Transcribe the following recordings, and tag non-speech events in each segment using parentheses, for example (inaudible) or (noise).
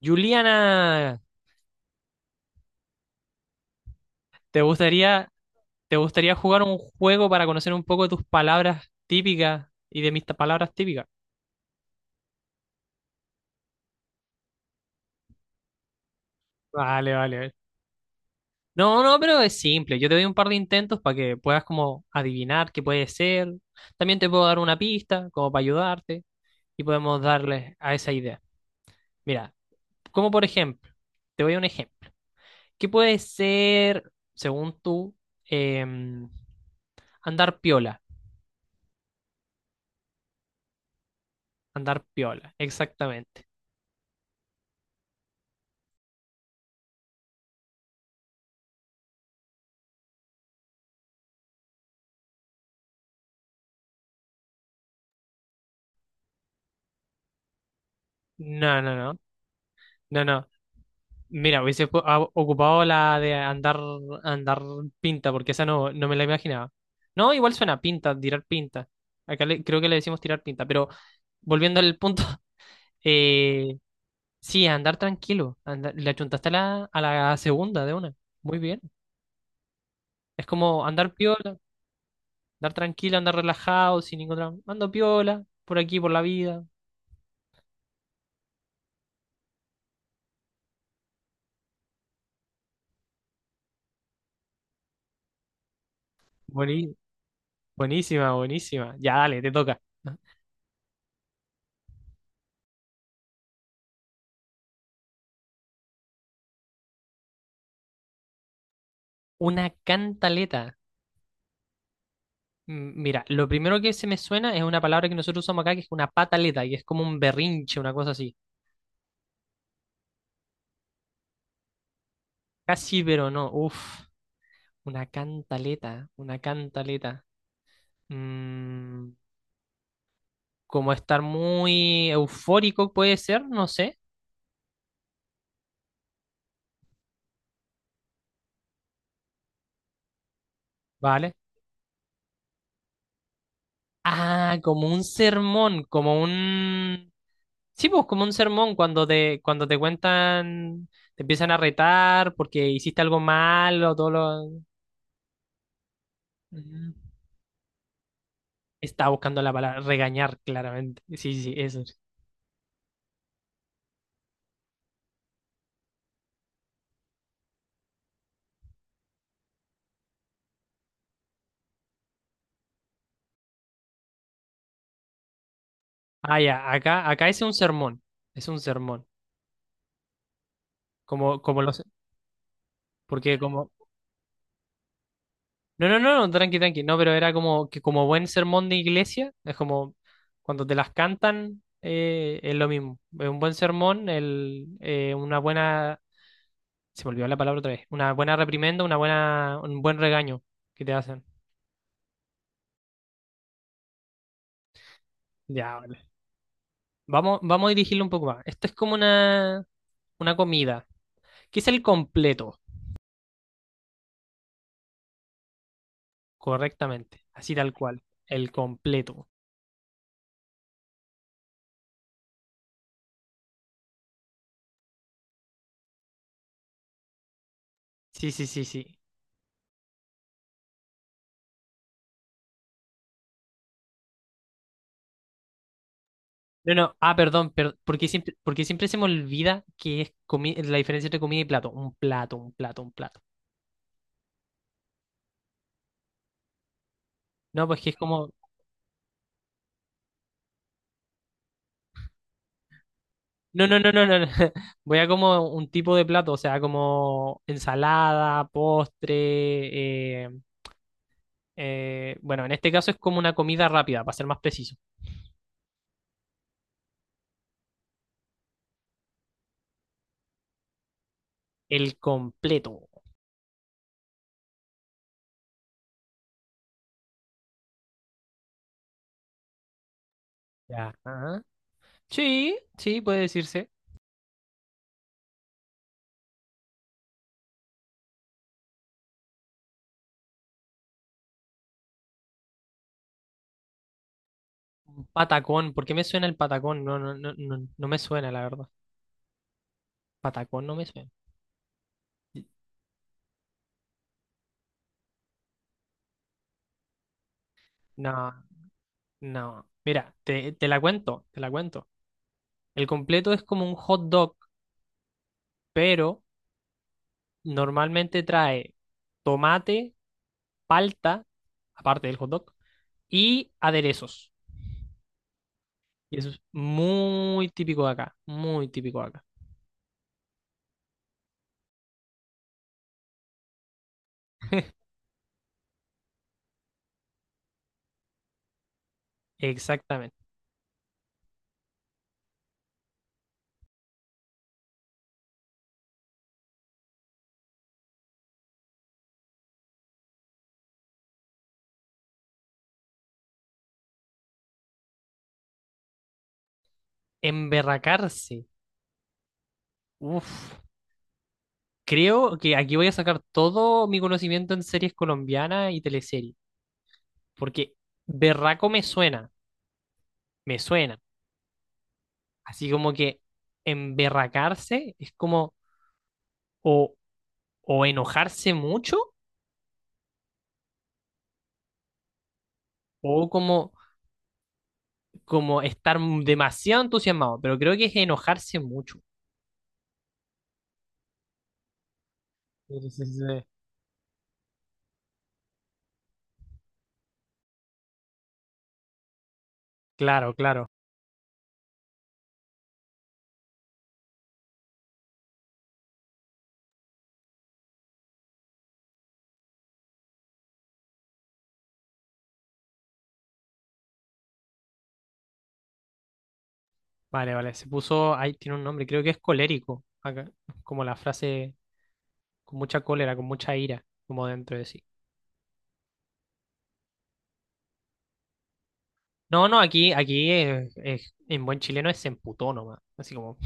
Juliana, ¿te gustaría, te gustaría jugar un juego para conocer un poco tus palabras típicas y palabras típicas? Vale, vale, vale. No, no, pero es simple. Yo te doy un par de intentos para que puedas como adivinar qué puede ser. También te puedo dar una pista como para ayudarte y podemos darle a esa idea. Mira, como por ejemplo, te voy a un ejemplo. ¿Qué puede ser, según tú, em, andar piola? Andar piola, exactamente. No, no, no. No, no. Mira, ocupado la de andar, andar pinta, porque esa no, no me la imaginaba. No, igual suena pinta, tirar pinta. Creo que le decimos tirar pinta, pero volviendo al punto, (laughs) eh, sí, andar tranquilo. Le achuntaste a la segunda de una. Muy bien. Es como andar piola, andar tranquilo, andar relajado, sin ningún drama. Ando piola, por aquí, por la vida. Buení- Buenísima, buenísima. Ya, dale, te toca. Una cantaleta. Mira, lo primero que se me suena es una palabra que nosotros usamos acá que es una pataleta y es como un berrinche, una cosa así. Casi, pero no. Uf, una cantaleta, una cantaleta. Mm, Como estar muy eufórico puede ser, no sé. Vale. Ah, como un sermón, como un... Sí, pues como un sermón cuando te cuentan, te empiezan a retar porque hiciste algo malo, todo lo... Ujú. Estaba buscando la palabra regañar, claramente. Sí, sí, eso es. Ah, ya, acá, acá es un sermón. Es un sermón. Como, como los. Porque como. No, no, no, no, tranqui, tranqui. No, pero era como que como buen sermón de iglesia, es como cuando te las cantan, es lo mismo. Es un buen sermón, una buena. Se me olvidó la palabra otra vez. Una buena reprimenda, una buena, un buen regaño que te hacen. Ya, vale. Vamos, vamos a dirigirlo un poco más. Esto es como una comida. ¿Qué es el completo? Correctamente, así tal cual, el completo. Sí, sí, sí, sí. No, no, perdón, porque siempre se me olvida que es la diferencia entre comida y plato. Un plato, un plato, un plato. No, pues que es como, no, no, no, no, no, no. (laughs) Voy a como un tipo de plato, o sea, como ensalada, postre, bueno, en este caso es como una comida rápida, para ser más preciso. El completo. Ya. Ajá. Sí, sí, puede decirse. Un patacón, ¿por qué me suena el patacón? No, no, no, no, no me suena, la verdad. Patacón no me suena. No, no. Mira, te la cuento, te la cuento. El completo es como un hot dog, pero normalmente trae tomate, palta, aparte del hot dog, y aderezos. Y eso es muy típico de acá, muy típico de acá. (laughs) Exactamente. Emberracarse. Uf. Creo que aquí voy a sacar todo mi conocimiento en series colombianas y teleseries, porque berraco me suena, me suena. Así como que emberracarse es como o, o enojarse mucho o como, como estar demasiado entusiasmado, pero creo que es enojarse mucho. Sí, sí, sí. Claro, claro. Vale, vale. Se puso, ahí tiene un nombre, creo que es colérico, acá, como la frase con mucha cólera, con mucha ira, como dentro de sí. No, no, aquí, en buen chileno es se emputó nomás. Así como.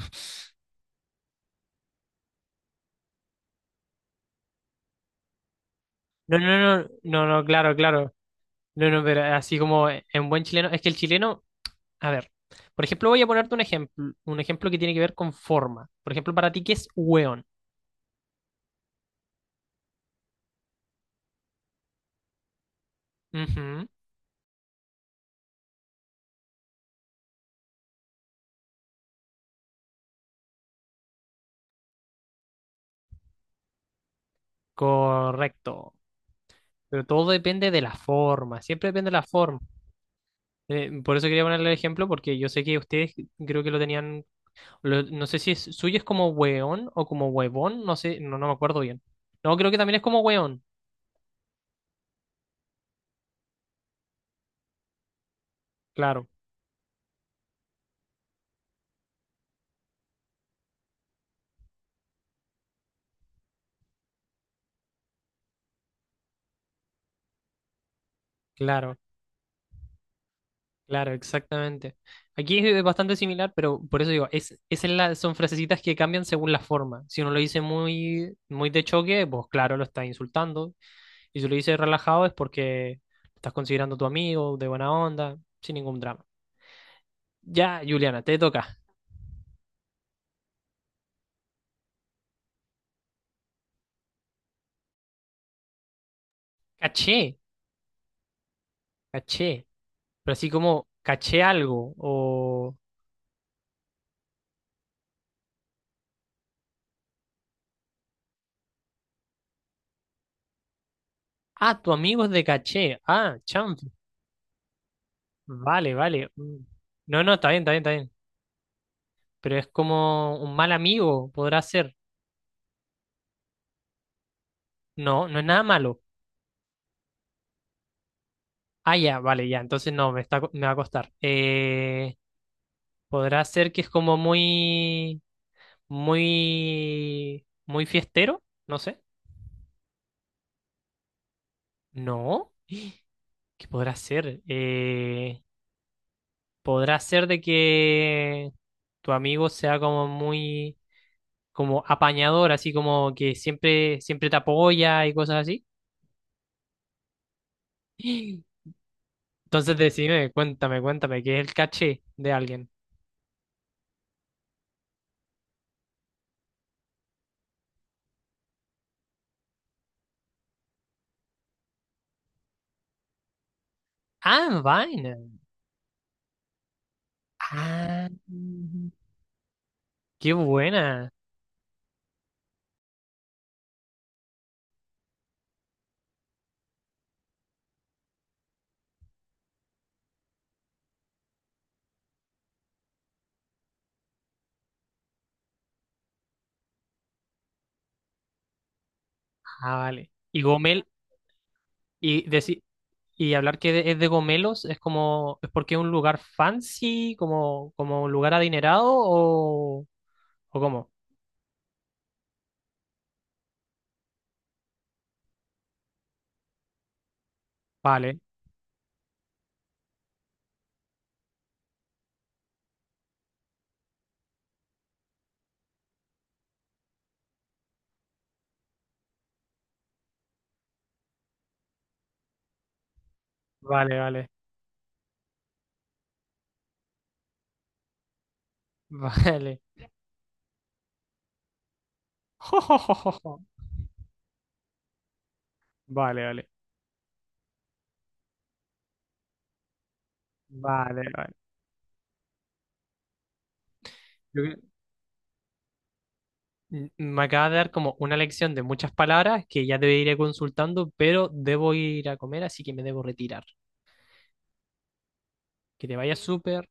No, no, no, no, no, claro, claro. No, no, pero así como en buen chileno. Es que el chileno, a ver, por ejemplo, voy a ponerte un ejemplo que tiene que ver con forma. Por ejemplo, para ti, ¿qué es hueón? Ujú, correcto. Pero todo depende de la forma, siempre depende de la forma. Por eso quería ponerle el ejemplo, porque yo sé que ustedes creo que lo tenían no sé si es, suyo es como weón o como huevón, no sé, no, no me acuerdo bien. No, creo que también es como weón. Claro, claro, claro, exactamente. Aquí es bastante similar, pero por eso digo, es, esa es la, son frasecitas que cambian según la forma. Si uno lo dice muy, muy de choque, pues claro, lo estás insultando. Y si lo dice relajado es porque lo estás considerando tu amigo, de buena onda, sin ningún drama. Ya, Juliana, te toca. Caché, caché. Pero así como caché algo o... Ah, tu amigo es de caché. Ah, chanfle. Vale, vale. Mm. No, no, está bien, está bien, está bien. Pero es como un mal amigo, podrá ser. No, no es nada malo. Ah, ya, vale, ya. Entonces no, me va a costar. Podrá ser que es como muy, muy, muy fiestero. No sé. No, ¿qué podrá ser? Podrá ser de que tu amigo sea como muy como apañador, así como que siempre, siempre te apoya y cosas así. (gasps) Entonces decime, cuéntame, cuéntame, ¿qué es el caché de alguien? Ah, vaina. Ah, qué buena. Ah, vale. Y deci- y hablar que es de Gomelos es como, es porque es un lugar fancy, como, como un lugar adinerado, o cómo? Vale, vale, vale, (laughs) vale. (laughs) Vale, vale, vale, vale. Me acaba de dar como una lección de muchas palabras que ya te iré consultando, pero debo ir a comer, así que me debo retirar. Que te vaya súper.